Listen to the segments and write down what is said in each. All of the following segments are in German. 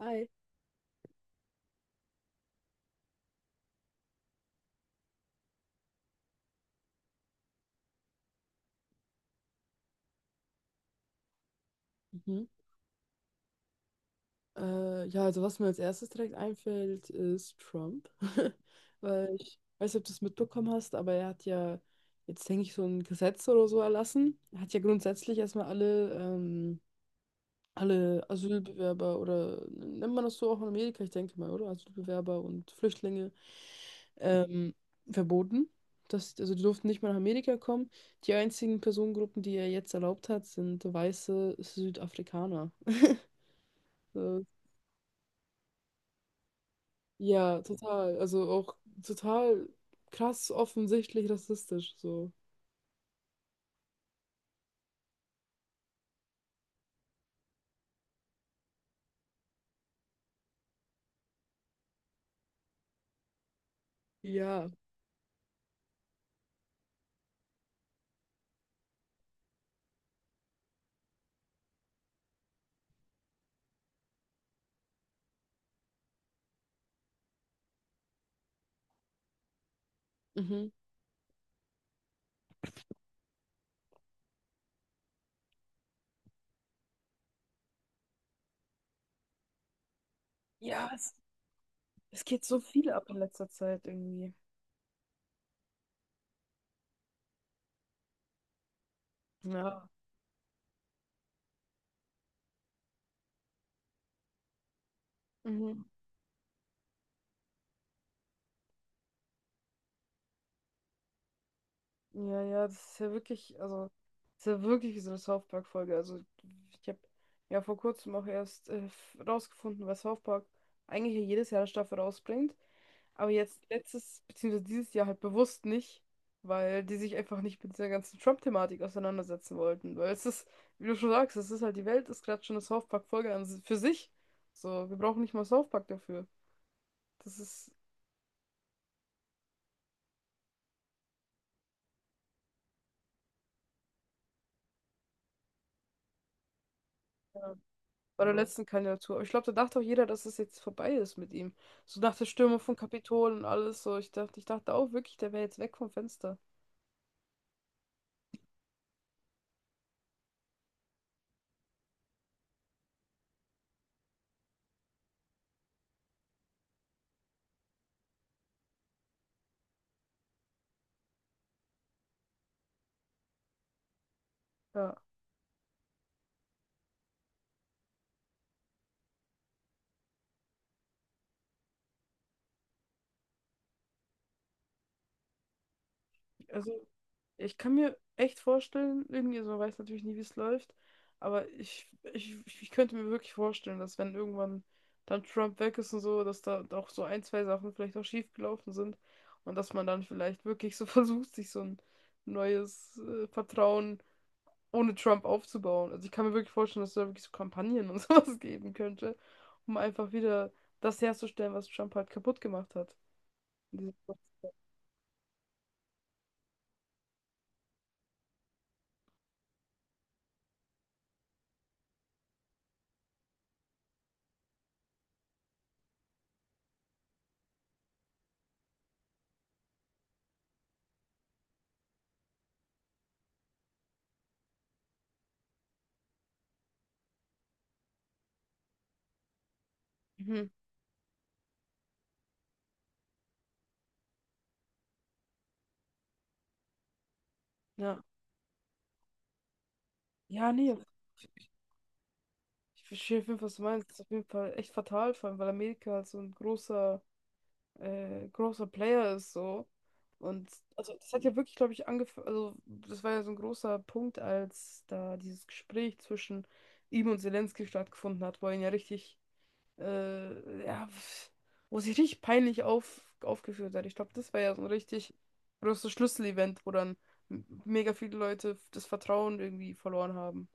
Hi. Mhm. Ja, also was mir als erstes direkt einfällt, ist Trump. Weil ich weiß nicht, ob du es mitbekommen hast, aber er hat ja jetzt, denke ich, so ein Gesetz oder so erlassen. Er hat ja grundsätzlich erstmal alle, alle Asylbewerber, oder nennt man das so auch in Amerika, ich denke mal, oder? Asylbewerber und Flüchtlinge ähm, verboten. Also die durften nicht mehr nach Amerika kommen. Die einzigen Personengruppen, die er jetzt erlaubt hat, sind weiße Südafrikaner. Ja, total. Also auch total krass offensichtlich rassistisch, so. Ja. Mhm. Ja, es, Es geht so viel ab in letzter Zeit irgendwie. Ja. Mhm. Ja, ja, das ist ja wirklich, also, das ist ja wirklich wie so eine South Park-Folge. Also, ich habe ja vor kurzem auch erst rausgefunden, was South Park eigentlich ja jedes Jahr eine Staffel rausbringt. Aber jetzt letztes, beziehungsweise dieses Jahr halt bewusst nicht, weil die sich einfach nicht mit dieser ganzen Trump-Thematik auseinandersetzen wollten. Weil es ist, wie du schon sagst, es ist halt, die Welt ist gerade schon eine South für sich. So, wir brauchen nicht mal South Park dafür. Das ist ja, bei der letzten Kandidatur. Aber ich glaube, da dachte auch jeder, dass es jetzt vorbei ist mit ihm. So nach der Stürmung von Kapitol und alles so. Ich dachte auch wirklich, der wäre jetzt weg vom Fenster. Ja. Also, ich kann mir echt vorstellen, irgendwie, also man weiß natürlich nie, wie es läuft, aber ich könnte mir wirklich vorstellen, dass, wenn irgendwann dann Trump weg ist und so, dass da auch so ein, zwei Sachen vielleicht auch schief gelaufen sind und dass man dann vielleicht wirklich so versucht, sich so ein neues Vertrauen ohne Trump aufzubauen. Also ich kann mir wirklich vorstellen, dass es da wirklich so Kampagnen und sowas geben könnte, um einfach wieder das herzustellen, was Trump halt kaputt gemacht hat. Dieses- Mhm. Ja. Ja, nee. Ich verstehe auf jeden Fall, was du meinst. Das ist auf jeden Fall echt fatal, vor allem weil Amerika halt so ein großer Player ist, so. Und also das hat ja wirklich, glaube ich, angefangen, also das war ja so ein großer Punkt, als da dieses Gespräch zwischen ihm und Zelensky stattgefunden hat, wo er ihn ja äh, ja, pf- wo sich richtig peinlich aufgeführt hat. Ich glaube, das war ja so ein richtig großes Schlüsselevent, wo dann mega viele Leute das Vertrauen irgendwie verloren haben.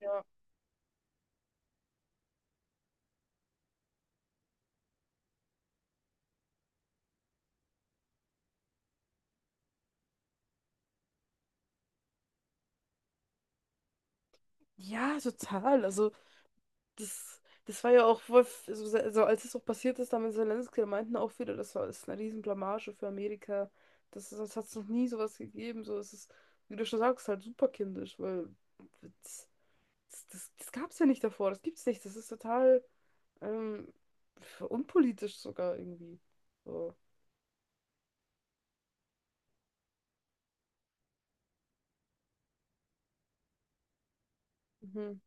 Ja. Ja, total. Also das, das war ja auch voll, f- so, se- so als es auch passiert ist, da mit Zelensky, da meinten auch viele, das war, ist eine Riesenblamage für Amerika. Das hat es noch nie sowas gegeben. So, es ist, wie du schon sagst, halt super kindisch, weil das, das gab es ja nicht davor, das gibt's nicht. Das ist total ähm, unpolitisch sogar irgendwie. So. Mhm.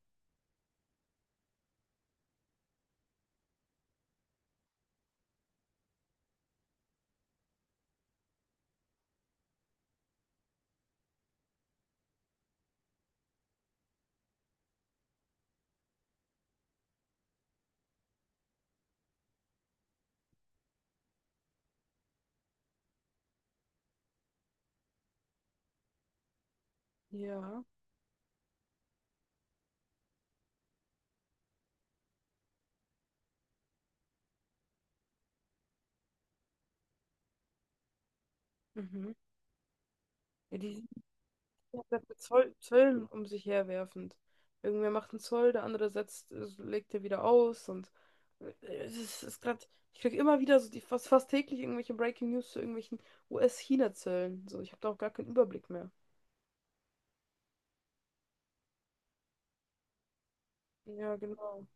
Ja. Mhm. Ja, die. Ja, das mit Zoll, Zöllen um sich herwerfend. Irgendwer macht einen Zoll, der andere legt er wieder aus und ist gerade, ich krieg immer wieder so die fast täglich irgendwelche Breaking News zu irgendwelchen US-China-Zöllen. So, ich habe da auch gar keinen Überblick mehr. Ja, genau.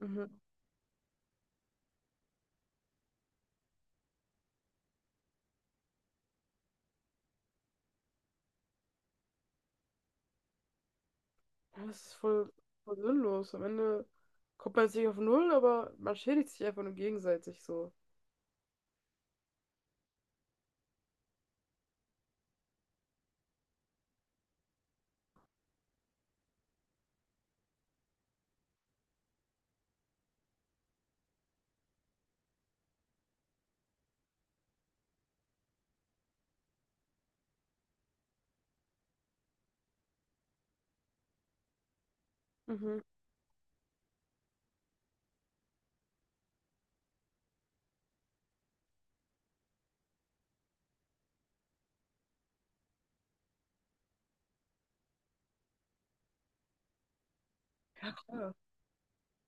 Mhm. Ja, das ist voll sinnlos. Am Ende kommt man jetzt nicht auf Null, aber man schädigt sich einfach nur gegenseitig so. Mhm. Klar.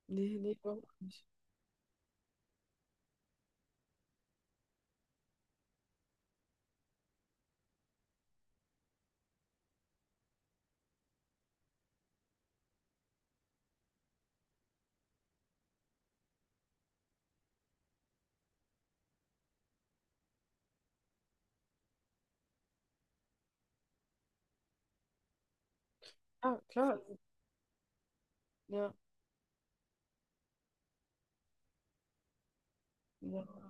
Nee, nee, überhaupt nicht. Ah, klar. Ja. Ja.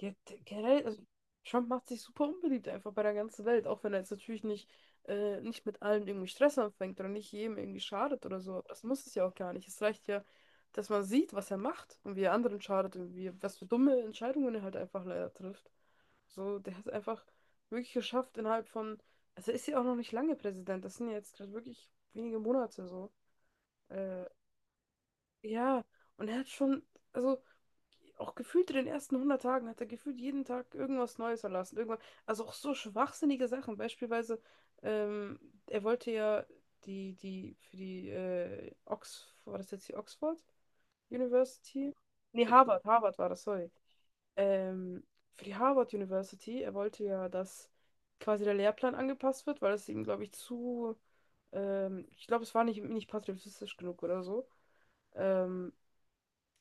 Generell, also Trump macht sich super unbeliebt einfach bei der ganzen Welt, auch wenn er jetzt natürlich nicht mit allen irgendwie Stress anfängt oder nicht jedem irgendwie schadet oder so. Aber das muss es ja auch gar nicht. Es reicht ja, dass man sieht, was er macht und wie er anderen schadet und wie, was für dumme Entscheidungen er halt einfach leider trifft. So, der hat es einfach wirklich geschafft innerhalb von, also er ist ja auch noch nicht lange Präsident, das sind ja jetzt gerade wirklich wenige Monate so. Äh, ja, und er hat schon, also auch gefühlt in den ersten 100 Tagen hat er gefühlt jeden Tag irgendwas Neues erlassen. Irgendwas, also auch so schwachsinnige Sachen. Beispielsweise, ähm, er wollte ja für die Oxford, war das jetzt die Oxford University? Nee, Harvard war das, sorry. Ähm, für die Harvard University, er wollte ja, dass quasi der Lehrplan angepasst wird, weil es ihm, glaube ich, ich glaube, es war nicht patriotistisch genug oder so. Ähm,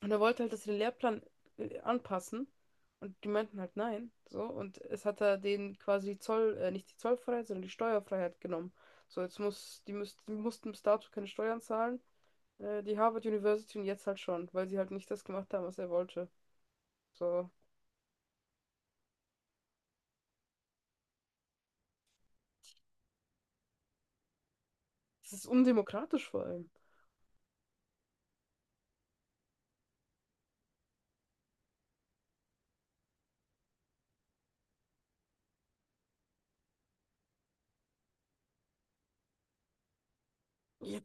und er wollte halt, dass sie den Lehrplan anpassen. Und die meinten halt nein. So. Und es hat er denen quasi nicht die Zollfreiheit, sondern die Steuerfreiheit genommen. So, jetzt die mussten bis dato keine Steuern zahlen. Die Harvard University, und jetzt halt schon, weil sie halt nicht das gemacht haben, was er wollte. So. Das ist undemokratisch vor allem. Ja,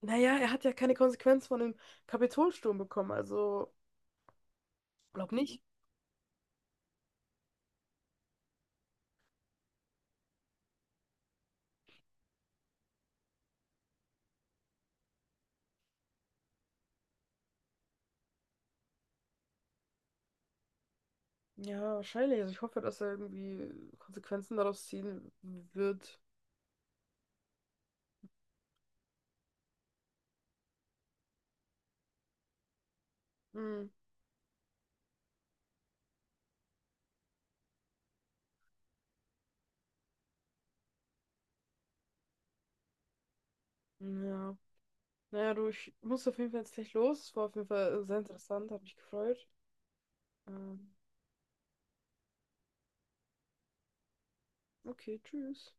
naja, er hat ja keine Konsequenz von dem Kapitolsturm bekommen, also glaub nicht. Ja, wahrscheinlich. Also ich hoffe, dass er irgendwie Konsequenzen daraus ziehen wird. Hm. Ja. Naja, du, ich muss auf jeden Fall jetzt gleich los. War auf jeden Fall sehr interessant, hat mich gefreut. Ähm, okay, tschüss.